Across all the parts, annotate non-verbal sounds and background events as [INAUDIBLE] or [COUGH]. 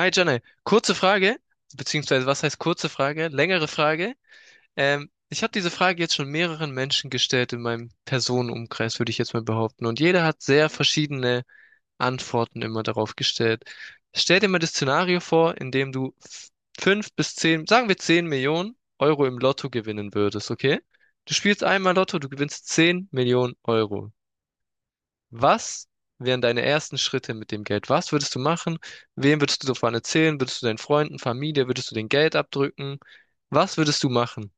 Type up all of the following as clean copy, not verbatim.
Hi Janne, kurze Frage, beziehungsweise was heißt kurze Frage? Längere Frage. Ich habe diese Frage jetzt schon mehreren Menschen gestellt in meinem Personenumkreis, würde ich jetzt mal behaupten. Und jeder hat sehr verschiedene Antworten immer darauf gestellt. Stell dir mal das Szenario vor, in dem du fünf bis zehn, sagen wir 10 Millionen Euro im Lotto gewinnen würdest, okay? Du spielst einmal Lotto, du gewinnst 10 Millionen Euro. Was wären deine ersten Schritte mit dem Geld? Was würdest du machen? Wem würdest du davon erzählen? Würdest du deinen Freunden, Familie, würdest du den Geld abdrücken? Was würdest du machen?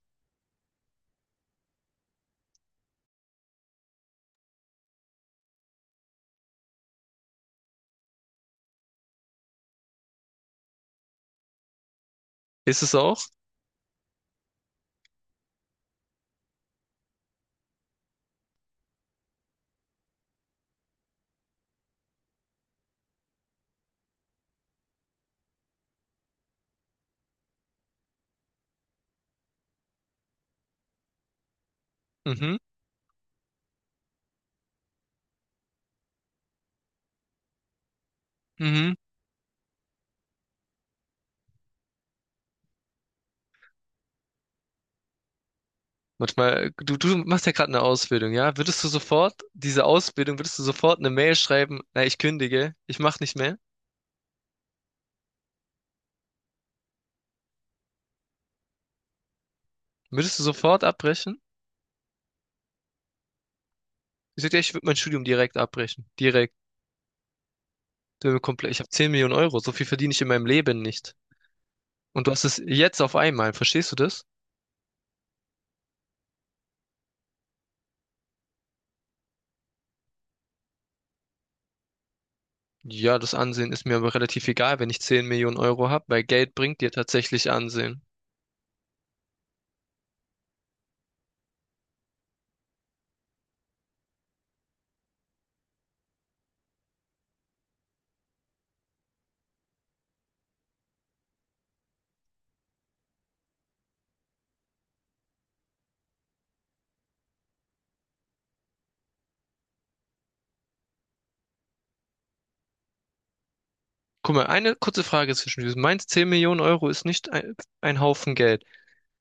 Ist es auch? Mhm, mhm. Manchmal, du machst ja gerade eine Ausbildung, ja? Würdest du sofort, diese Ausbildung, würdest du sofort eine Mail schreiben, na, ich kündige, ich mach nicht mehr? Würdest du sofort abbrechen? Ich sag dir, ich würde mein Studium direkt abbrechen. Direkt. Ich habe 10 Millionen Euro, so viel verdiene ich in meinem Leben nicht. Und du hast es jetzt auf einmal, verstehst du das? Ja, das Ansehen ist mir aber relativ egal, wenn ich 10 Millionen Euro habe, weil Geld bringt dir tatsächlich Ansehen. Guck mal, eine kurze Frage zwischen diesen. Meinst 10 Millionen Euro ist nicht ein Haufen Geld.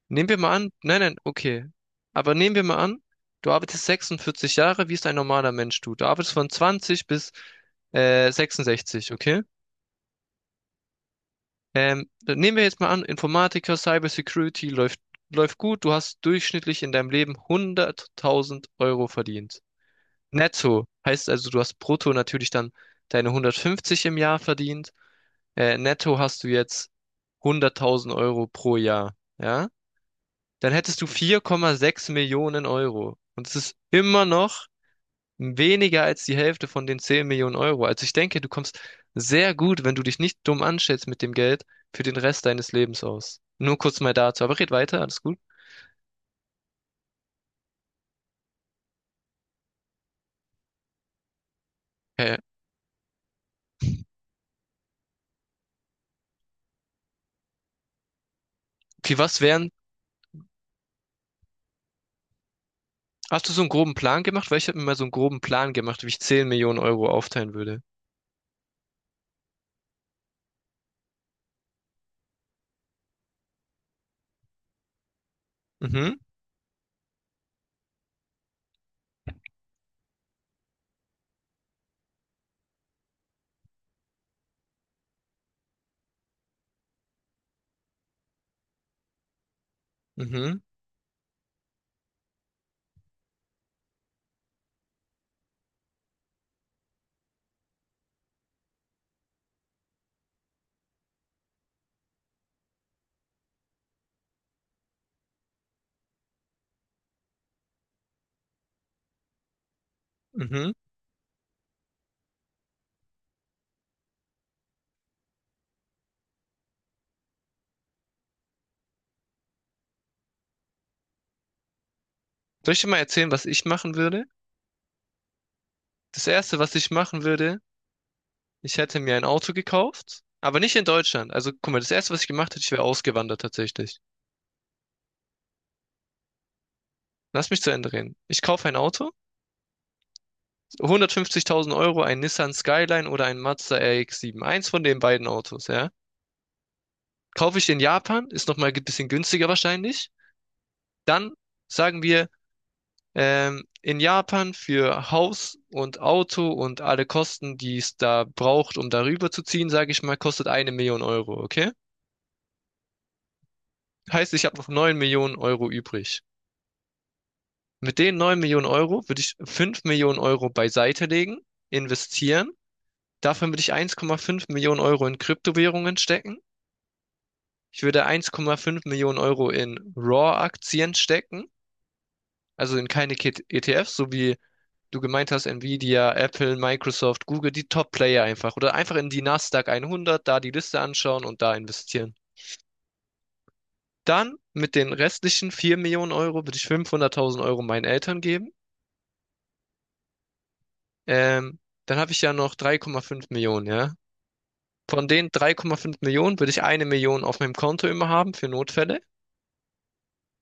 Nehmen wir mal an, nein, nein, okay. Aber nehmen wir mal an, du arbeitest 46 Jahre, wie es ein normaler Mensch tut. Du arbeitest von 20 bis 66, okay? Dann nehmen wir jetzt mal an, Informatiker, Cybersecurity läuft, läuft gut. Du hast durchschnittlich in deinem Leben 100.000 Euro verdient. Netto heißt also, du hast brutto natürlich dann deine 150 im Jahr verdient. Netto hast du jetzt 100.000 Euro pro Jahr, ja? Dann hättest du 4,6 Millionen Euro. Und es ist immer noch weniger als die Hälfte von den 10 Millionen Euro. Also ich denke, du kommst sehr gut, wenn du dich nicht dumm anstellst mit dem Geld, für den Rest deines Lebens aus. Nur kurz mal dazu. Aber red weiter, alles gut. Okay. Wie was wären, hast du so einen groben Plan gemacht? Weil ich habe mir mal so einen groben Plan gemacht, wie ich 10 Millionen Euro aufteilen würde. Mhm, mhm, mhm. Soll ich dir mal erzählen, was ich machen würde? Das Erste, was ich machen würde, ich hätte mir ein Auto gekauft, aber nicht in Deutschland. Also, guck mal, das Erste, was ich gemacht hätte, ich wäre ausgewandert tatsächlich. Lass mich zu Ende reden. Ich kaufe ein Auto, 150.000 Euro, ein Nissan Skyline oder ein Mazda RX-7. Eins von den beiden Autos, ja. Kaufe ich in Japan, ist nochmal ein bisschen günstiger wahrscheinlich. Dann sagen wir, in Japan für Haus und Auto und alle Kosten, die es da braucht, um darüber zu ziehen, sage ich mal, kostet 1 Million Euro, okay? Heißt, ich habe noch 9 Millionen Euro übrig. Mit den 9 Millionen Euro würde ich 5 Millionen Euro beiseite legen, investieren. Davon würde ich 1,5 Millionen Euro in Kryptowährungen stecken. Ich würde 1,5 Millionen Euro in Raw-Aktien stecken, also in keine ETFs, so wie du gemeint hast, Nvidia, Apple, Microsoft, Google, die Top-Player einfach. Oder einfach in die Nasdaq 100, da die Liste anschauen und da investieren. Dann mit den restlichen 4 Millionen Euro würde ich 500.000 Euro meinen Eltern geben. Ähm, Dann habe ich ja noch 3,5 Millionen, ja. Von den 3,5 Millionen würde ich 1 Million auf meinem Konto immer haben für Notfälle,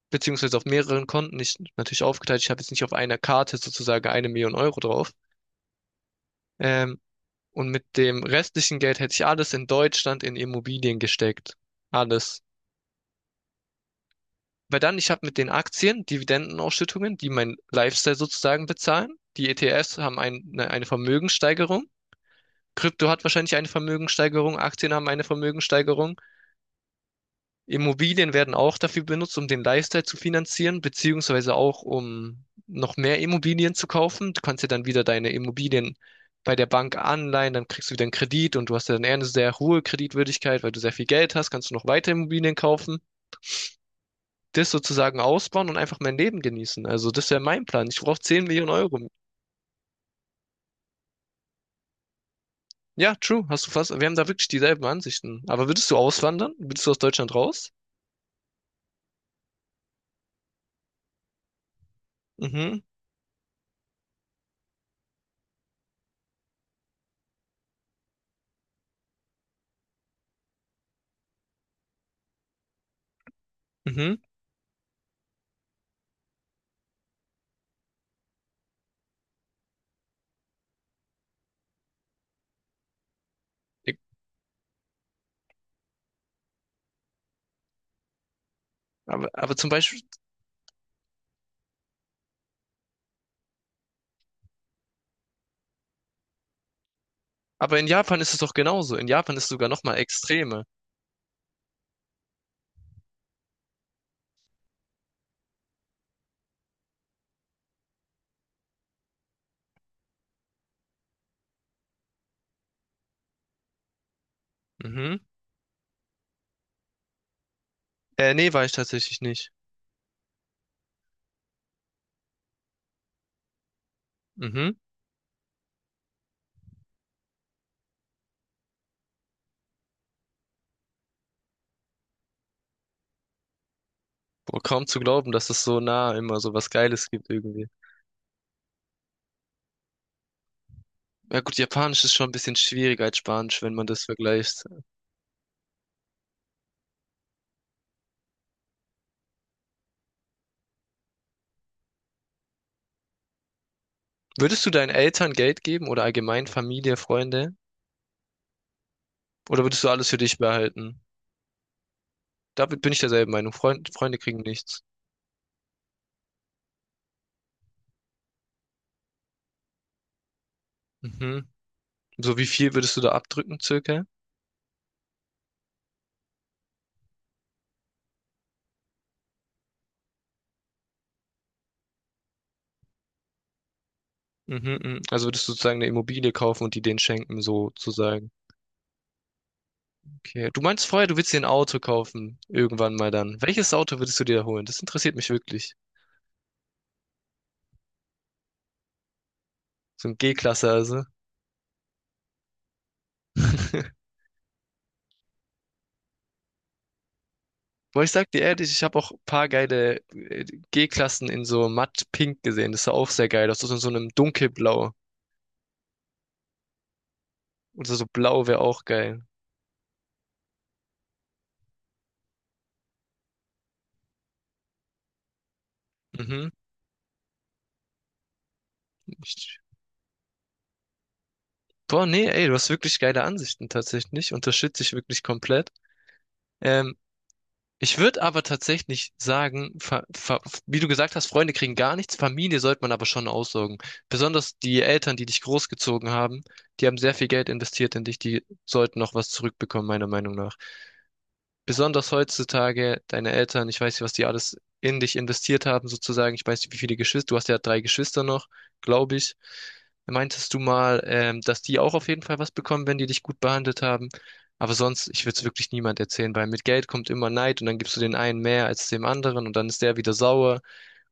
beziehungsweise auf mehreren Konten. Nicht natürlich aufgeteilt, ich habe jetzt nicht auf einer Karte sozusagen 1 Million Euro drauf. Ähm, Und mit dem restlichen Geld hätte ich alles in Deutschland in Immobilien gesteckt. Alles. Weil dann, ich habe mit den Aktien Dividendenausschüttungen, die mein Lifestyle sozusagen bezahlen. Die ETFs haben eine Vermögenssteigerung. Krypto hat wahrscheinlich eine Vermögenssteigerung. Aktien haben eine Vermögenssteigerung. Immobilien werden auch dafür benutzt, um den Lifestyle zu finanzieren, beziehungsweise auch um noch mehr Immobilien zu kaufen. Du kannst ja dann wieder deine Immobilien bei der Bank anleihen, dann kriegst du wieder einen Kredit und du hast ja dann eher eine sehr hohe Kreditwürdigkeit, weil du sehr viel Geld hast, kannst du noch weitere Immobilien kaufen, das sozusagen ausbauen und einfach mein Leben genießen. Also das wäre mein Plan. Ich brauche 10 Millionen Euro. Ja, true, hast du fast, wir haben da wirklich dieselben Ansichten. Aber würdest du auswandern? Würdest du aus Deutschland raus? Mhm, mhm. Ich- aber zum Beispiel, aber in Japan ist es doch genauso. In Japan ist es sogar noch mal extreme. Mhm. Nee, war ich tatsächlich nicht. Mhm. Boah, kaum zu glauben, dass es so nah immer so was Geiles gibt irgendwie. Ja gut, Japanisch ist schon ein bisschen schwieriger als Spanisch, wenn man das vergleicht. Würdest du deinen Eltern Geld geben oder allgemein Familie, Freunde? Oder würdest du alles für dich behalten? Damit bin ich derselben Meinung. Freund, Freunde kriegen nichts. Mhm. So wie viel würdest du da abdrücken, circa? Mhm, mhm. Also würdest du sozusagen eine Immobilie kaufen und die denen schenken, sozusagen. Okay. Du meinst vorher, du willst dir ein Auto kaufen. Irgendwann mal dann. Welches Auto würdest du dir da holen? Das interessiert mich wirklich. So ein G-Klasse also. [LAUGHS] Boah, ich sag dir ehrlich, ich habe auch ein paar geile G-Klassen in so matt pink gesehen. Das sah auch sehr geil aus. Das ist in so einem dunkelblau. Oder so so blau wäre auch geil. Mhm. Ich, boah, nee, ey, du hast wirklich geile Ansichten tatsächlich. Unterstütze ich wirklich komplett. Ähm, Ich würde aber tatsächlich sagen, wie du gesagt hast, Freunde kriegen gar nichts, Familie sollte man aber schon aussorgen. Besonders die Eltern, die dich großgezogen haben, die haben sehr viel Geld investiert in dich, die sollten noch was zurückbekommen, meiner Meinung nach, besonders heutzutage. Deine Eltern, ich weiß nicht, was die alles in dich investiert haben, sozusagen. Ich weiß nicht, wie viele Geschwister, du hast ja drei Geschwister noch, glaube ich. Meintest du mal, dass die auch auf jeden Fall was bekommen, wenn die dich gut behandelt haben? Aber sonst, ich würde es wirklich niemand erzählen, weil mit Geld kommt immer Neid und dann gibst du den einen mehr als dem anderen und dann ist der wieder sauer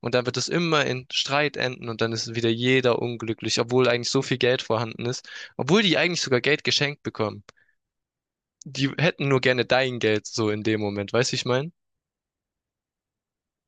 und dann wird es immer in Streit enden und dann ist wieder jeder unglücklich, obwohl eigentlich so viel Geld vorhanden ist, obwohl die eigentlich sogar Geld geschenkt bekommen, die hätten nur gerne dein Geld so in dem Moment, weißt du, ich meine?